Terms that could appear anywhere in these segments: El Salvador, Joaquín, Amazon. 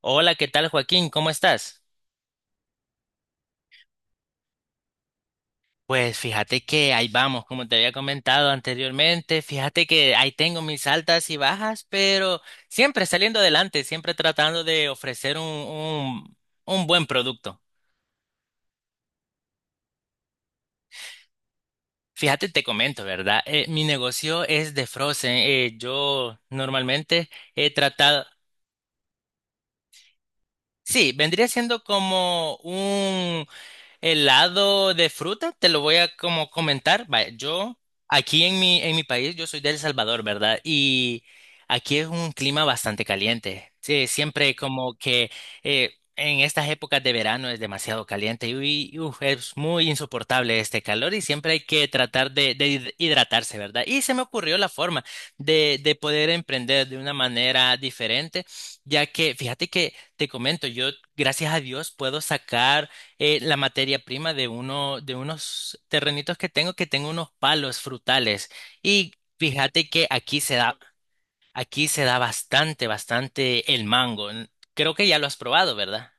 Hola, ¿qué tal, Joaquín? ¿Cómo estás? Pues fíjate que ahí vamos, como te había comentado anteriormente, fíjate que ahí tengo mis altas y bajas, pero siempre saliendo adelante, siempre tratando de ofrecer un buen producto. Fíjate, te comento, ¿verdad? Mi negocio es de Frozen. Yo normalmente he tratado, sí, vendría siendo como helado de fruta, te lo voy a como comentar. Vaya, yo aquí en mi país, yo soy de El Salvador, ¿verdad? Y aquí es un clima bastante caliente. Sí, siempre como que en estas épocas de verano es demasiado caliente y, es muy insoportable este calor y siempre hay que tratar de hidratarse, ¿verdad? Y se me ocurrió la forma de poder emprender de una manera diferente, ya que fíjate que te comento, yo gracias a Dios puedo sacar la materia prima de uno de unos terrenitos que tengo unos palos frutales y fíjate que aquí se da bastante bastante el mango. Creo que ya lo has probado, ¿verdad?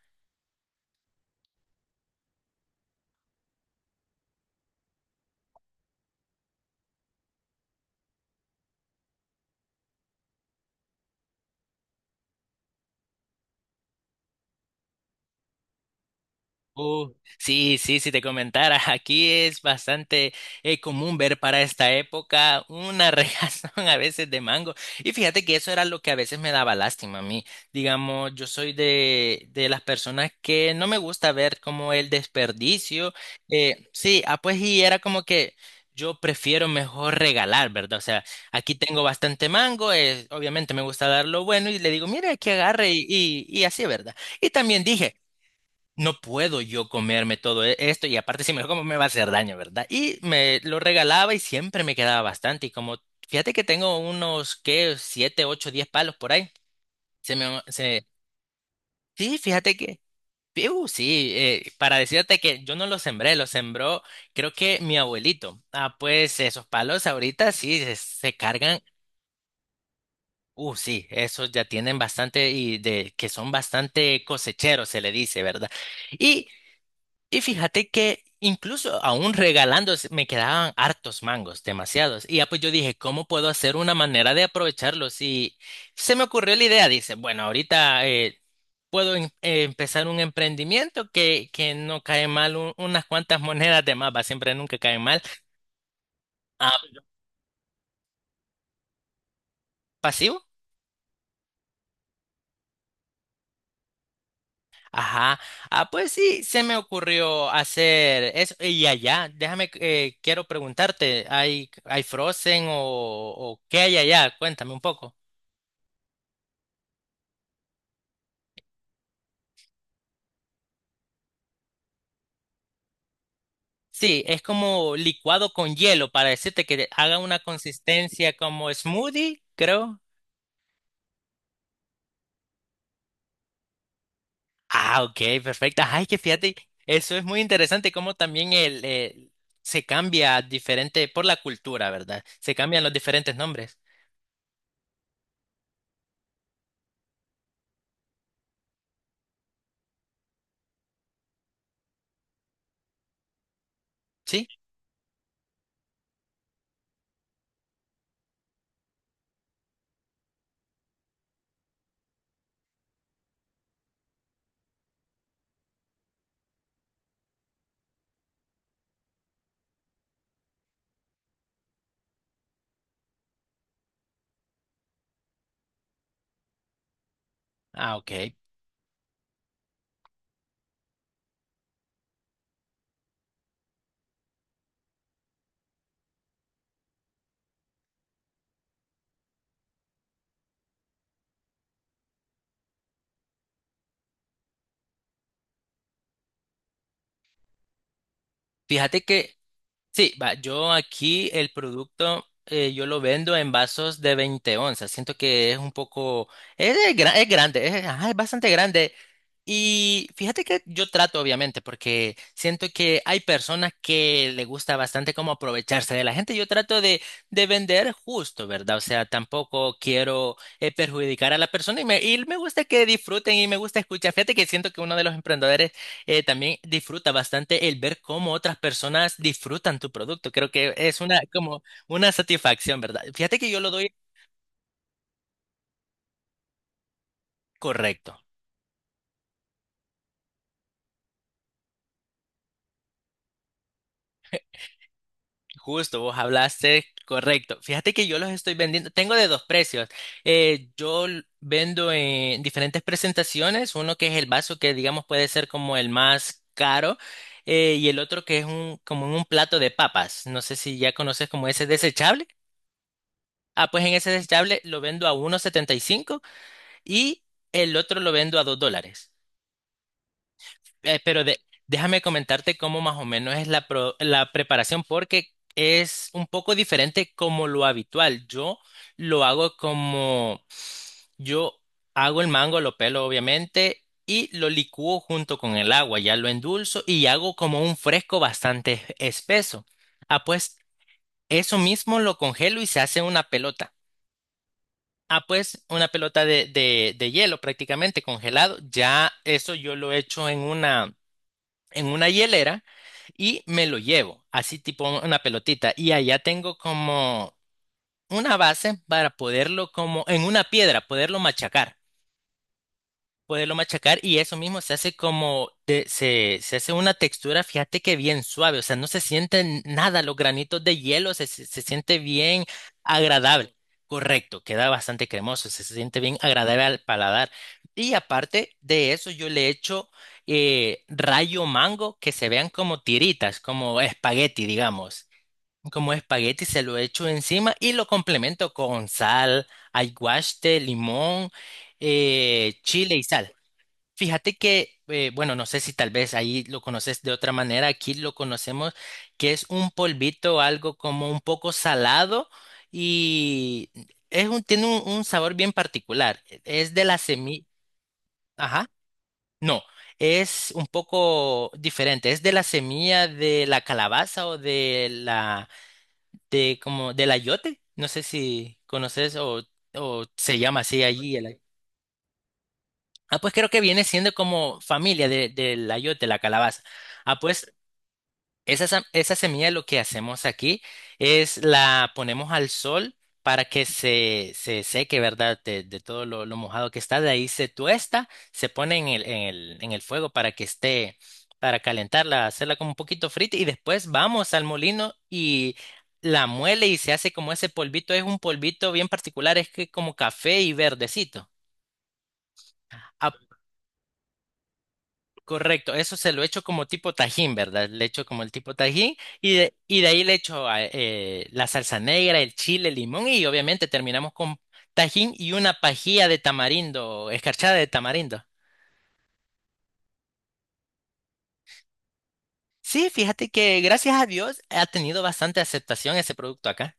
Oh, sí, sí, si te comentara, aquí es bastante común ver para esta época una regazón a veces de mango. Y fíjate que eso era lo que a veces me daba lástima a mí. Digamos, yo soy de las personas que no me gusta ver como el desperdicio. Sí, pues y era como que yo prefiero mejor regalar, ¿verdad? O sea, aquí tengo bastante mango, obviamente me gusta dar lo bueno y le digo, mira, que agarre y así, ¿verdad? Y también dije, no puedo yo comerme esto y aparte si me lo como me va a hacer daño, ¿verdad? Y me lo regalaba y siempre me quedaba bastante y como fíjate que tengo unos qué siete, ocho, 10 palos por ahí. Se me se sí, fíjate que sí, para decirte que yo no los sembré, los sembró creo que mi abuelito. Ah, pues esos palos ahorita sí se cargan. Sí, esos ya tienen bastante y de que son bastante cosecheros, se le dice, ¿verdad? Y Y fíjate que incluso aún regalando me quedaban hartos mangos, demasiados. Y ya pues yo dije, ¿cómo puedo hacer una manera de aprovecharlos? Y se me ocurrió la idea, dice, bueno, ahorita puedo empezar un emprendimiento que no cae mal, unas cuantas monedas de más, va, siempre nunca cae mal. Ah, Pasivo. Ajá. Ah, pues sí, se me ocurrió hacer eso. Y allá, déjame, quiero preguntarte, ¿ hay Frozen o qué hay allá? Cuéntame un poco. Sí, es como licuado con hielo para decirte que haga una consistencia como smoothie, creo. Ah, ok, perfecto. Ay, que fíjate, eso es muy interesante como también se cambia diferente por la cultura, ¿verdad? Se cambian los diferentes nombres. Sí. Ah, ok. Fíjate que sí, va, yo aquí el producto yo lo vendo en vasos de 20 onzas. Siento que es un poco, es grande, ajá, es bastante grande. Y fíjate que yo trato, obviamente, porque siento que hay personas que le gusta bastante como aprovecharse de la gente. Yo trato de vender justo, ¿verdad? O sea, tampoco quiero perjudicar a la persona y me gusta que disfruten y me gusta escuchar. Fíjate que siento que uno de los emprendedores también disfruta bastante el ver cómo otras personas disfrutan tu producto. Creo que es una, como una satisfacción, ¿verdad? Fíjate que yo lo doy correcto. Justo, vos hablaste correcto. Fíjate que yo los estoy vendiendo. Tengo de dos precios. Vendo en diferentes presentaciones, uno que es el vaso que digamos puede ser como el más caro. Y el otro que es un, como en un plato de papas. No sé si ya conoces como ese desechable. Ah, pues en ese desechable lo vendo a 1.75. Y el otro lo vendo a $2. Eh, pero de- Déjame comentarte cómo más o menos es la preparación, porque es un poco diferente como lo habitual. Lo hago como yo hago el mango, lo pelo obviamente, y lo licúo junto con el agua, ya lo endulzo y hago como un fresco bastante espeso. Ah, pues eso mismo lo congelo y se hace una pelota. Ah, pues una pelota de hielo prácticamente congelado. Ya eso yo lo echo en una hielera y me lo llevo, así tipo una pelotita. Y allá tengo como una base para poderlo como en una piedra, poderlo machacar y eso mismo se hace como, se hace una textura, fíjate que bien suave, o sea, no se sienten nada, los granitos de hielo se siente bien agradable. Correcto, queda bastante cremoso, se siente bien agradable al paladar. Y aparte de eso, yo le echo rayo mango que se vean como tiritas, como espagueti, digamos. Como espagueti se lo echo encima y lo complemento con sal, aguaste, limón, chile y sal. Fíjate que, bueno, no sé si tal vez ahí lo conoces de otra manera, aquí lo conocemos que es un polvito, algo como un poco salado y es un, tiene un sabor bien particular. Es de la semilla, ajá, no, es un poco diferente, es de la semilla de la calabaza o de la, de como, del ayote, no sé si conoces o se llama así allí. Ah, pues creo que viene siendo como familia de, del ayote, la calabaza. Ah, pues esa semilla lo que hacemos aquí es la ponemos al sol para que se seque, ¿verdad? De todo lo mojado que está. De ahí se tuesta, se pone en en el fuego para que esté, para calentarla, hacerla como un poquito frita y después vamos al molino y la muele y se hace como ese polvito. Es un polvito bien particular, es que como café y verdecito. Ah, Correcto, eso se lo echo como tipo tajín, ¿verdad? Le echo como el tipo tajín y de ahí le echo la salsa negra, el chile, el limón y obviamente terminamos con tajín y una pajilla de tamarindo, escarchada de tamarindo. Sí, fíjate que gracias a Dios ha tenido bastante aceptación ese producto acá.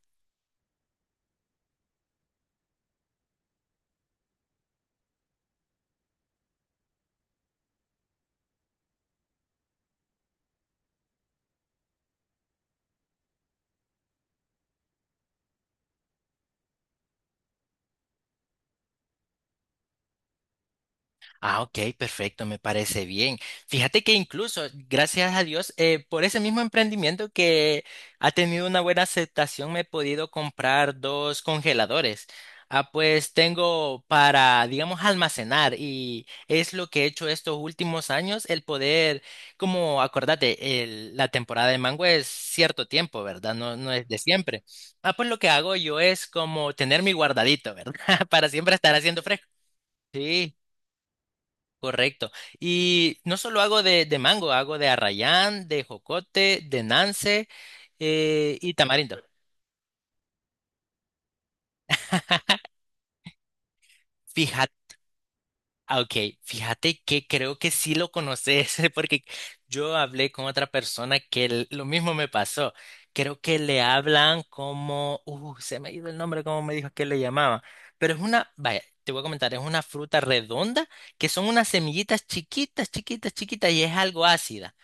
Ah, ok, perfecto, me parece bien. Fíjate que incluso, gracias a Dios, por ese mismo emprendimiento que ha tenido una buena aceptación, me he podido comprar dos congeladores. Ah, pues tengo para, digamos, almacenar y es lo que he hecho estos últimos años, el poder, como acordate, la temporada de mango es cierto tiempo, ¿verdad? No, no es de siempre. Ah, pues lo que hago yo es como tener mi guardadito, ¿verdad? Para siempre estar haciendo fresco. Sí. Correcto. Y no solo hago de mango, hago de arrayán, de jocote, de nance y tamarindo. Fíjate, ok, fíjate que creo que sí lo conoces, porque yo hablé con otra persona que lo mismo me pasó. Creo que le hablan como, se me ha ido el nombre, como me dijo que le llamaba. Pero es una, vaya, te voy a comentar, es una fruta redonda que son unas semillitas chiquitas y es algo ácida.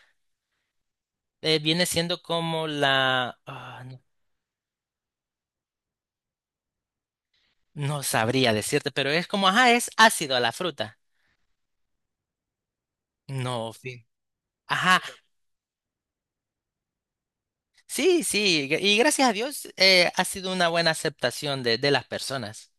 Viene siendo como la... ah, no, no sabría decirte, pero es como, ajá, es ácido a la fruta. No, sí. Ajá, sí, y gracias a Dios ha sido una buena aceptación de las personas.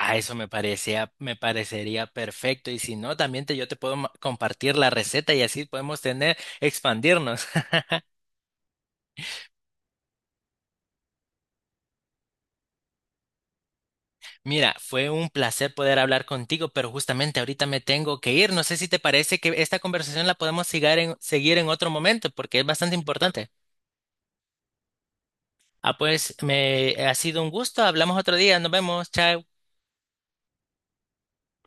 A eso me parecía, me parecería perfecto y si no, también te, yo te puedo compartir la receta y así podemos tener, expandirnos. Mira, fue un placer poder hablar contigo, pero justamente ahorita me tengo que ir. No sé si te parece que esta conversación la podemos seguir en otro momento porque es bastante importante. Ah, pues me ha sido un gusto. Hablamos otro día. Nos vemos. Chao.